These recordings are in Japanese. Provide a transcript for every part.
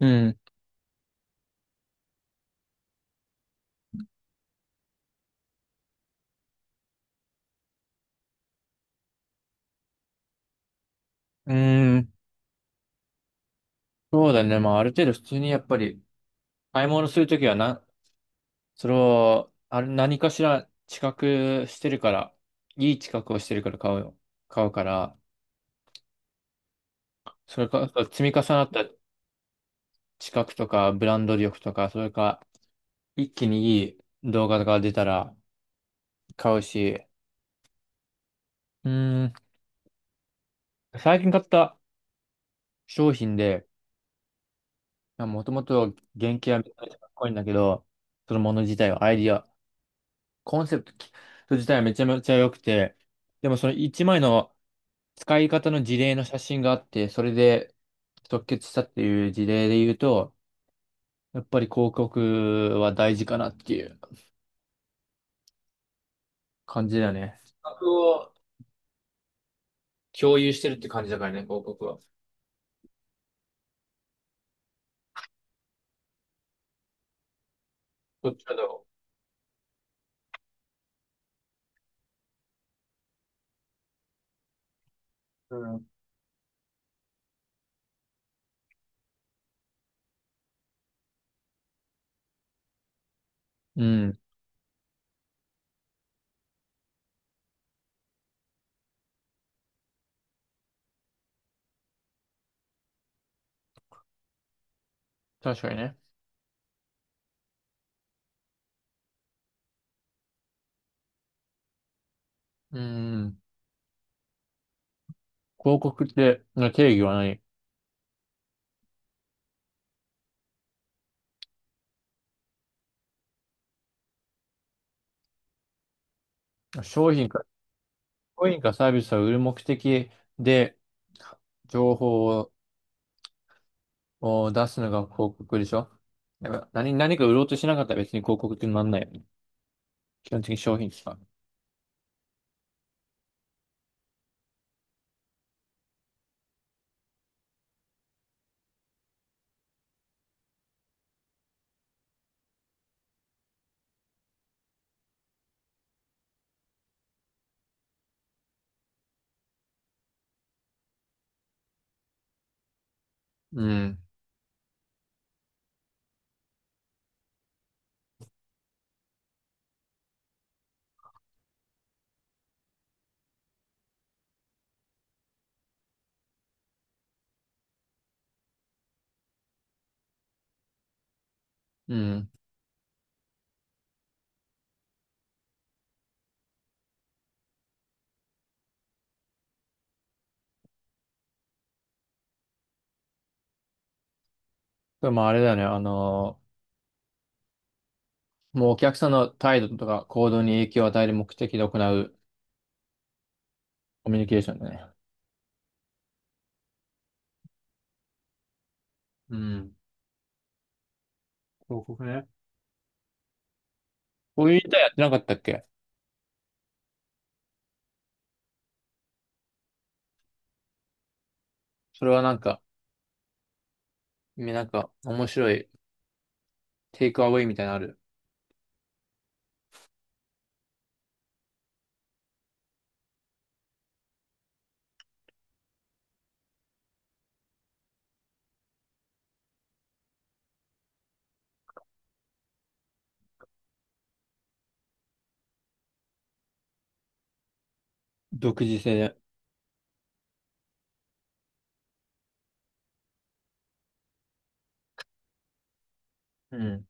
うん。うーん。そうだね。まあ、ある程度普通にやっぱり買い物するときはな、それを、何かしら知覚してるから、いい知覚をしてるから買うよ。買うから、それか、積み重なった知覚とか、ブランド力とか、それか、一気にいい動画が出たら買うし、うーん。最近買った商品で、もともと原型はめちゃめちゃかっこいいんだけど、そのもの自体はアイディア、コンセプト自体はめちゃめちゃ良くて、でもその1枚の使い方の事例の写真があって、それで即決したっていう事例で言うと、やっぱり広告は大事かなっていう感じだね。企画を共有してるって感じだからね、広告は。どっちかだろう。うん。うん。確かにね。うん。広告っての定義は何商品か、商品かサービスを売る目的で情報を出すのが広告でしょ。やっぱ何か売ろうとしなかったら別に広告ってなんないよね。基本的に商品しか。うん。うん。でもあれだよね。もうお客さんの態度とか行動に影響を与える目的で行うコミュニケーションだね。うん。広告ね。こういう歌やってなかったっけ？それはなんか、なんか面白いテイクアウェイみたいなのある。独自性で。うん。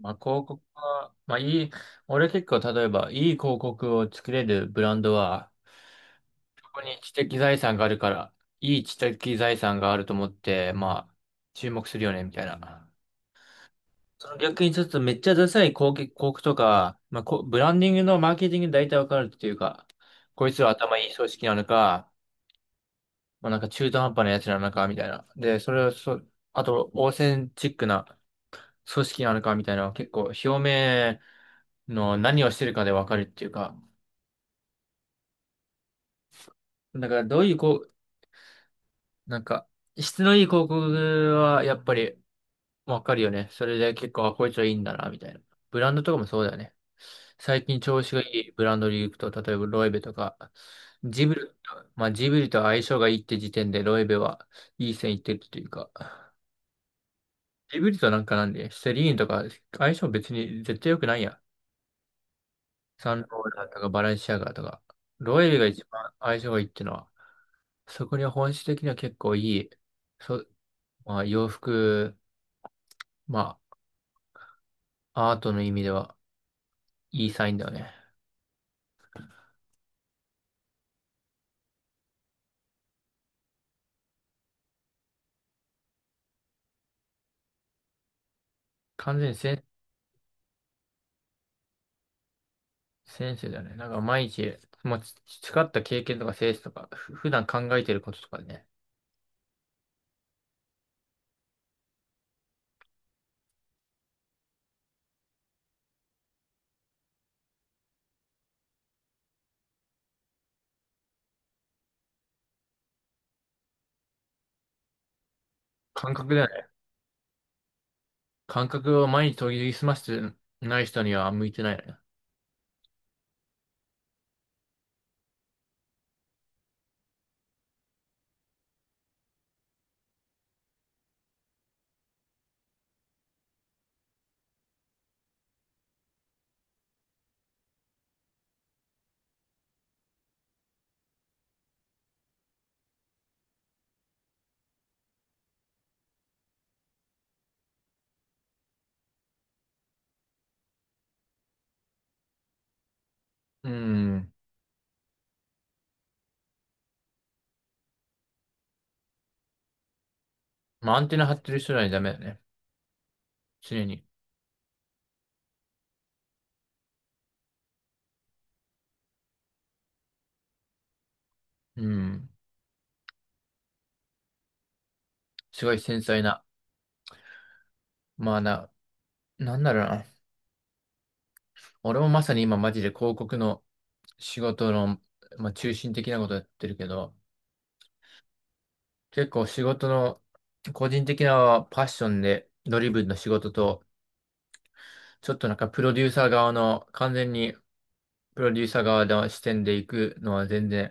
まあ、広告は、まあ、いい、俺結構、例えば、いい広告を作れるブランドは、ここに知的財産があるから、いい知的財産があると思って、まあ、注目するよね、みたいな。その逆にちょっとめっちゃダサい広告とか、まあ、こうブランディングのマーケティングで大体わかるっていうか、こいつは頭いい組織なのか、まあ、なんか中途半端なやつなのか、みたいな。で、それをそ、あと、オーセンチックな組織なのか、みたいな、結構表面の何をしてるかでわかるっていうか、だからどういうこう、なんか、質のいい広告はやっぱり、わかるよね。それで結構、あ、こいつはいいんだな、みたいな。ブランドとかもそうだよね。最近調子がいいブランドで行くと、例えばロエベとか、ジブリと、まあジブリと相性がいいって時点でロエベはいい線いってるというか、ジブリとなんかなんで、セリーンとか相性別に絶対良くないやん。サンローランとかバレンシアガとか、ロエベが一番相性がいいってのは、そこには本質的には結構いい、そ、まあ洋服、まあアートの意味ではいいサインだよね。完全にセ先生だね。なんか毎日、もうち培った経験とか性質とか、普段考えてることとかね。感覚だよね。感覚を毎日研ぎ澄ましてない人には向いてないよね。うん。まあ、アンテナ張ってる人にはダメだね。常に。うん。すごい繊細な。まあな、なんだろうな。俺もまさに今マジで広告の仕事の、まあ、中心的なことやってるけど、結構仕事の個人的なパッションでドリブンの仕事と、ちょっとなんかプロデューサー側の、完全にプロデューサー側の視点で行くのは全然、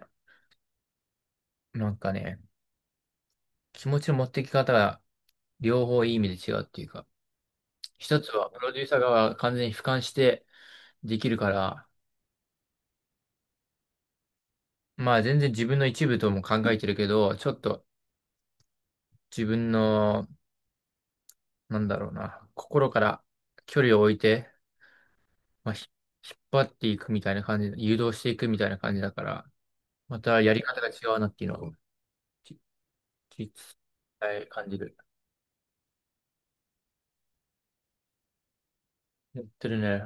なんかね、気持ちの持ってき方が両方いい意味で違うっていうか、一つはプロデューサー側が完全に俯瞰してできるから、まあ全然自分の一部とも考えてるけど、ちょっと自分の、なんだろうな、心から距離を置いて、まあ、ひ引っ張っていくみたいな感じで、誘導していくみたいな感じだから、またやり方が違うなっていうのを、きき伝え感じる。やってるね。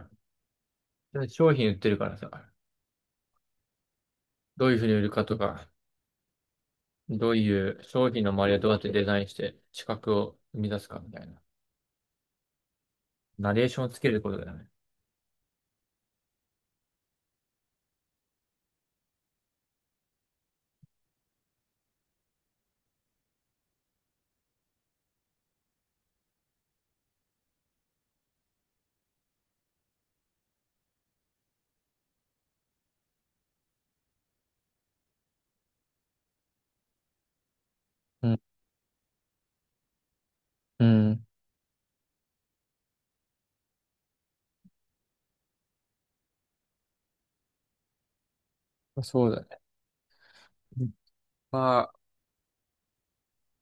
で商品売ってるからさ、どういうふうに売るかとか、どういう商品の周りをどうやってデザインして資格を生み出すかみたいな。ナレーションをつけることだよね。うん、うん、そうだね。うん。まあ、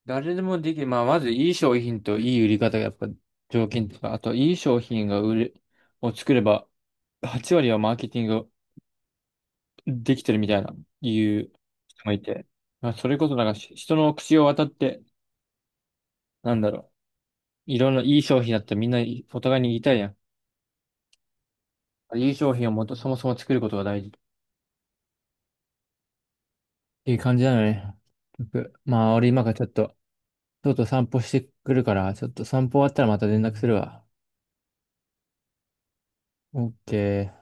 誰でもできる。まあ、まずいい商品といい売り方がやっぱ条件とか、あといい商品が売れ、を作れば、8割はマーケティングできてるみたいな、いう人もいて。まあ、それこそなんかし人の口を渡って、なんだろう。いろんないい商品だったらみんなお互いに言いたいやん。いい商品をもと、そもそも作ることが大事。っていう感じなのね。僕まあ、俺今からちょっと、とうとう散歩してくるから、ちょっと散歩終わったらまた連絡するわ。オッケー。